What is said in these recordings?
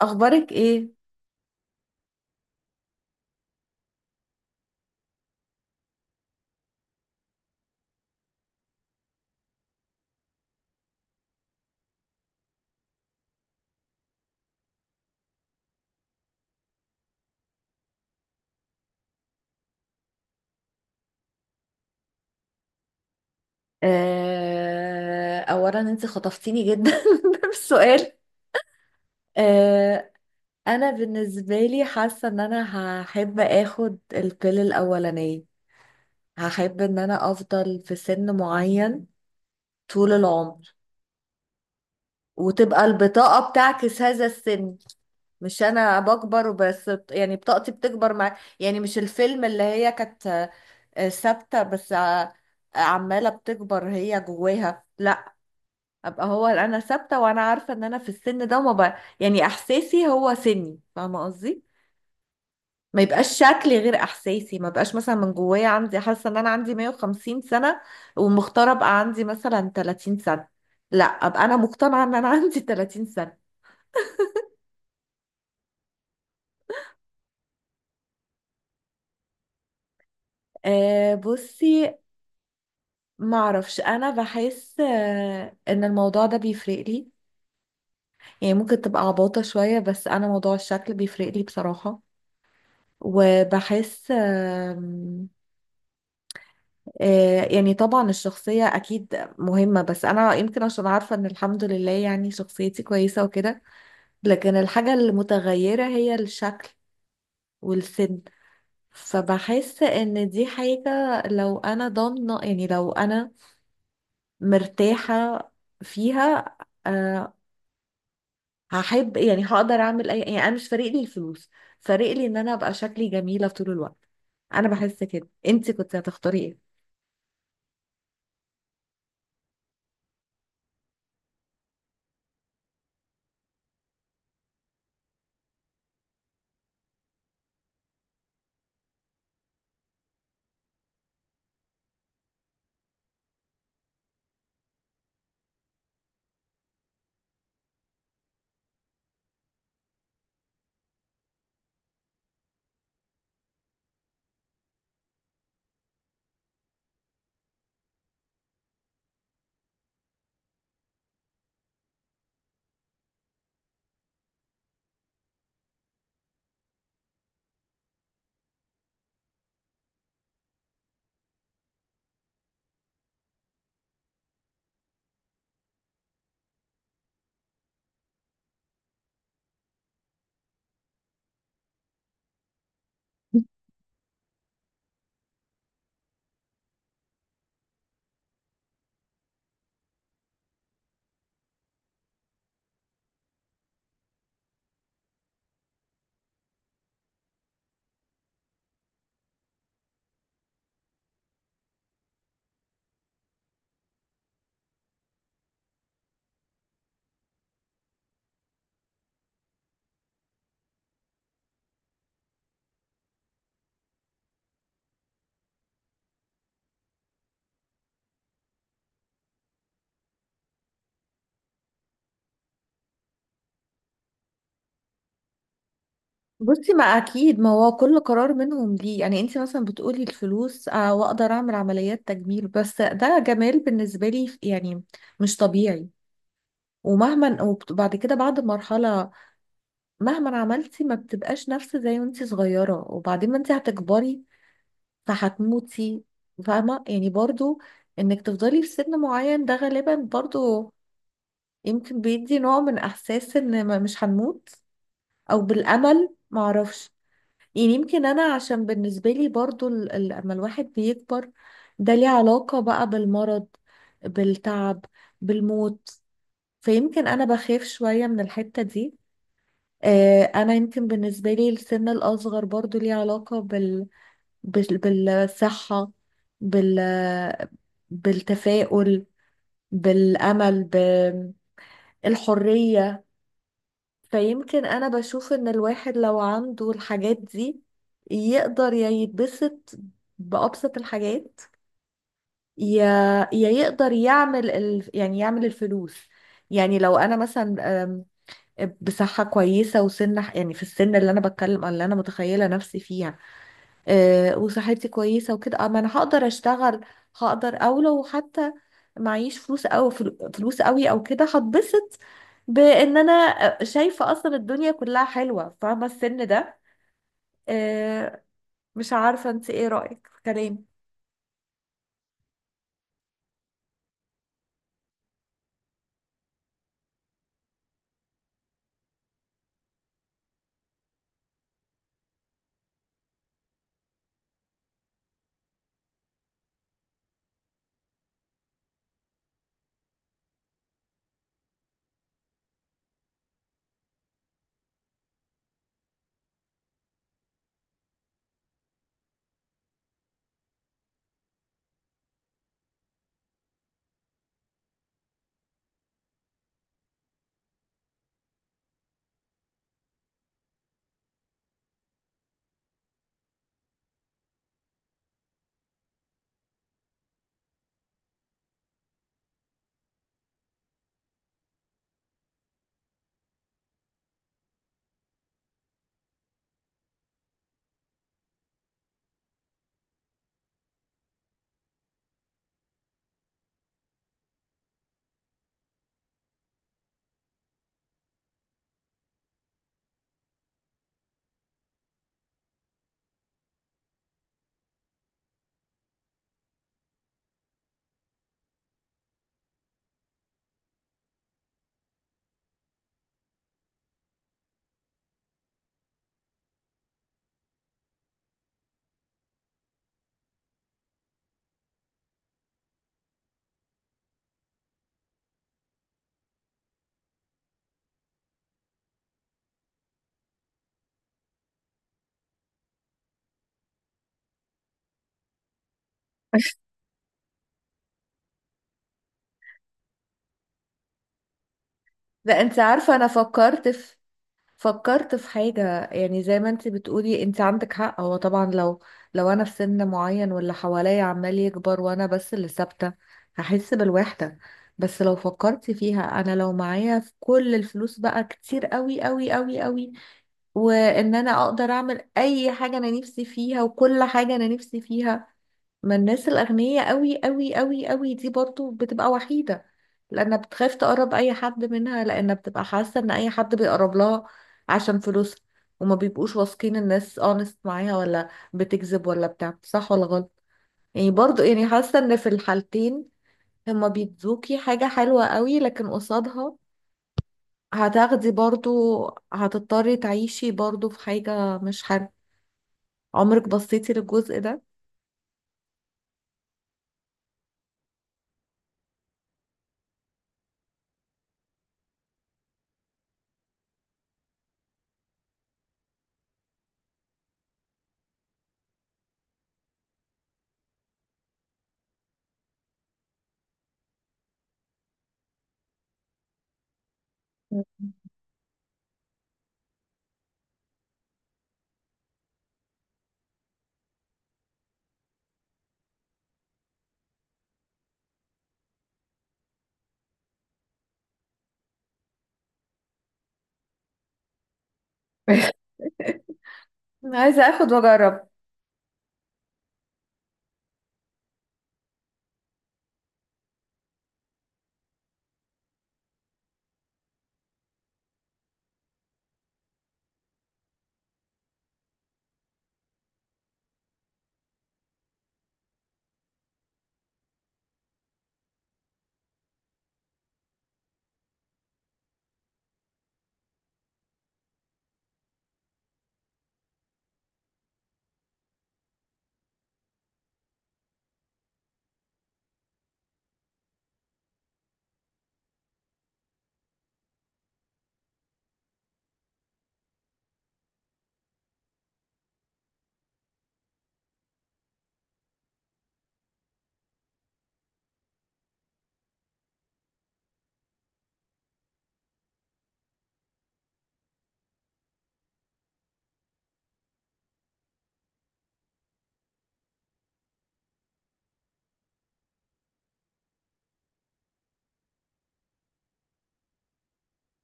اخبارك ايه؟ اولا انت خطفتيني جدا بالسؤال. آه، انا بالنسبه لي حاسه ان انا هحب اخد البيل الاولانيه. هحب ان انا افضل في سن معين طول العمر، وتبقى البطاقه بتعكس هذا السن، مش انا بكبر بس يعني بطاقتي بتكبر مع، يعني مش الفيلم اللي هي كانت ثابته، بس عماله بتكبر هي جواها. لا، ابقى هو انا ثابته، وانا عارفه ان انا في السن ده ما ب... يعني احساسي هو سني، فاهمه قصدي؟ ما يبقاش شكلي غير احساسي. ما بقاش مثلا من جوايا عندي حاسه ان انا عندي 150 سنه ومختاره ابقى عندي مثلا 30 سنه. لا، ابقى انا مقتنعه ان انا عندي 30 سنه. أه بصي، ما اعرفش، انا بحس ان الموضوع ده بيفرق لي. يعني ممكن تبقى عباطه شويه، بس انا موضوع الشكل بيفرق لي بصراحه. وبحس يعني طبعا الشخصية أكيد مهمة، بس أنا يمكن عشان عارفة إن الحمد لله يعني شخصيتي كويسة وكده. لكن الحاجة المتغيرة هي الشكل والسن. فبحس إن دي حاجة، لو أنا ضامنة، يعني لو أنا مرتاحة فيها، أه هحب، يعني هقدر أعمل أي، يعني أنا مش فارق لي الفلوس، فارق لي إن أنا أبقى شكلي جميلة طول الوقت. أنا بحس كده، أنتي كنت هتختاري إيه؟ بصي، ما اكيد، ما هو كل قرار منهم ليه. يعني انت مثلا بتقولي الفلوس واقدر اعمل عمليات تجميل، بس ده جمال بالنسبه لي يعني مش طبيعي. ومهما، وبعد كده، بعد مرحله، مهما عملتي ما بتبقاش نفس زي وانت صغيره، وبعدين ما انت هتكبري فهتموتي. فاهمه يعني؟ برضو انك تفضلي في سن معين، ده غالبا برضو يمكن بيدي نوع من احساس ان مش هنموت، او بالامل، معرفش. يعني يمكن انا عشان بالنسبه لي برضو لما الواحد بيكبر، ده ليه علاقه بقى بالمرض، بالتعب، بالموت. فيمكن انا بخاف شويه من الحته دي. انا يمكن بالنسبه لي السن الاصغر برضو ليه علاقه بالصحه، بال... بالتفاؤل، بالامل، بالحريه. فيمكن انا بشوف ان الواحد لو عنده الحاجات دي يقدر يا يتبسط بأبسط الحاجات، يا يقدر يعمل يعني يعمل الفلوس. يعني لو انا مثلا بصحة كويسة وسن، يعني في السن اللي انا بتكلم، اللي انا متخيلة نفسي فيها، وصحتي كويسة وكده، اه ما انا هقدر اشتغل، هقدر. او لو حتى معيش فلوس، او فلوس قوي او كده، هتبسط بان انا شايفة اصلا الدنيا كلها حلوة، فاهمة السن ده؟ آه، مش عارفة انت ايه رأيك في كلامي؟ ده انت عارفة انا فكرت في، فكرت في حاجة، يعني زي ما انت بتقولي، انت عندك حق. هو طبعا لو، لو انا في سن معين واللي حواليا عمال يكبر وانا بس اللي ثابتة، هحس بالوحدة. بس لو فكرتي فيها، انا لو معايا في كل الفلوس بقى كتير قوي قوي قوي قوي، وان انا اقدر اعمل اي حاجة انا نفسي فيها وكل حاجة انا نفسي فيها. ما الناس الأغنياء قوي قوي قوي قوي دي برضو بتبقى وحيدة، لأنها بتخاف تقرب أي حد منها، لأنها بتبقى حاسة إن أي حد بيقرب لها عشان فلوسها، وما بيبقوش واثقين الناس اونست معاها ولا بتكذب ولا بتاع، صح ولا غلط؟ يعني برضو، يعني حاسة إن في الحالتين هما بيدوكي حاجة حلوة قوي، لكن قصادها هتاخدي برضو، هتضطري تعيشي برضو في حاجة مش حلوة. عمرك بصيتي للجزء ده؟ عايزة اخد واجرب.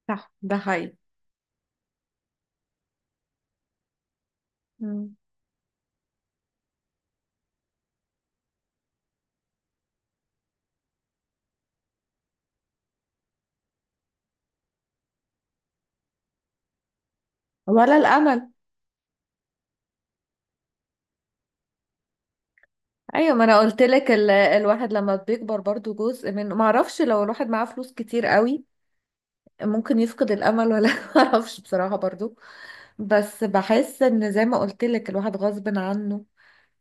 صح، ده حقيقي. مم. ولا الامل. ايوه، ما انا قلت لك الواحد لما بيكبر برضو جزء من، ما اعرفش، لو الواحد معاه فلوس كتير قوي ممكن يفقد الامل، ولا ما اعرفش بصراحه برضو. بس بحس ان زي ما قلت لك الواحد غصب عنه،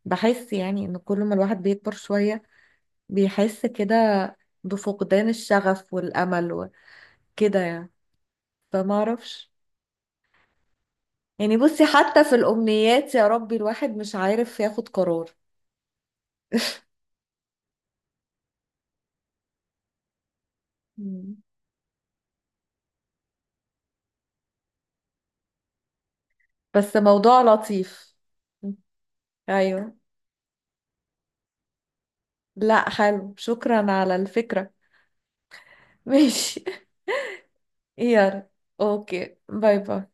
بحس يعني ان كل ما الواحد بيكبر شويه، بيحس كده بفقدان الشغف والامل وكده يعني، فما اعرفش. يعني بصي، حتى في الامنيات، يا ربي، الواحد مش عارف ياخد قرار. مم. بس موضوع لطيف. ايوه، لا حلو، شكرا على الفكرة. ماشي. يلا، اوكي، باي باي.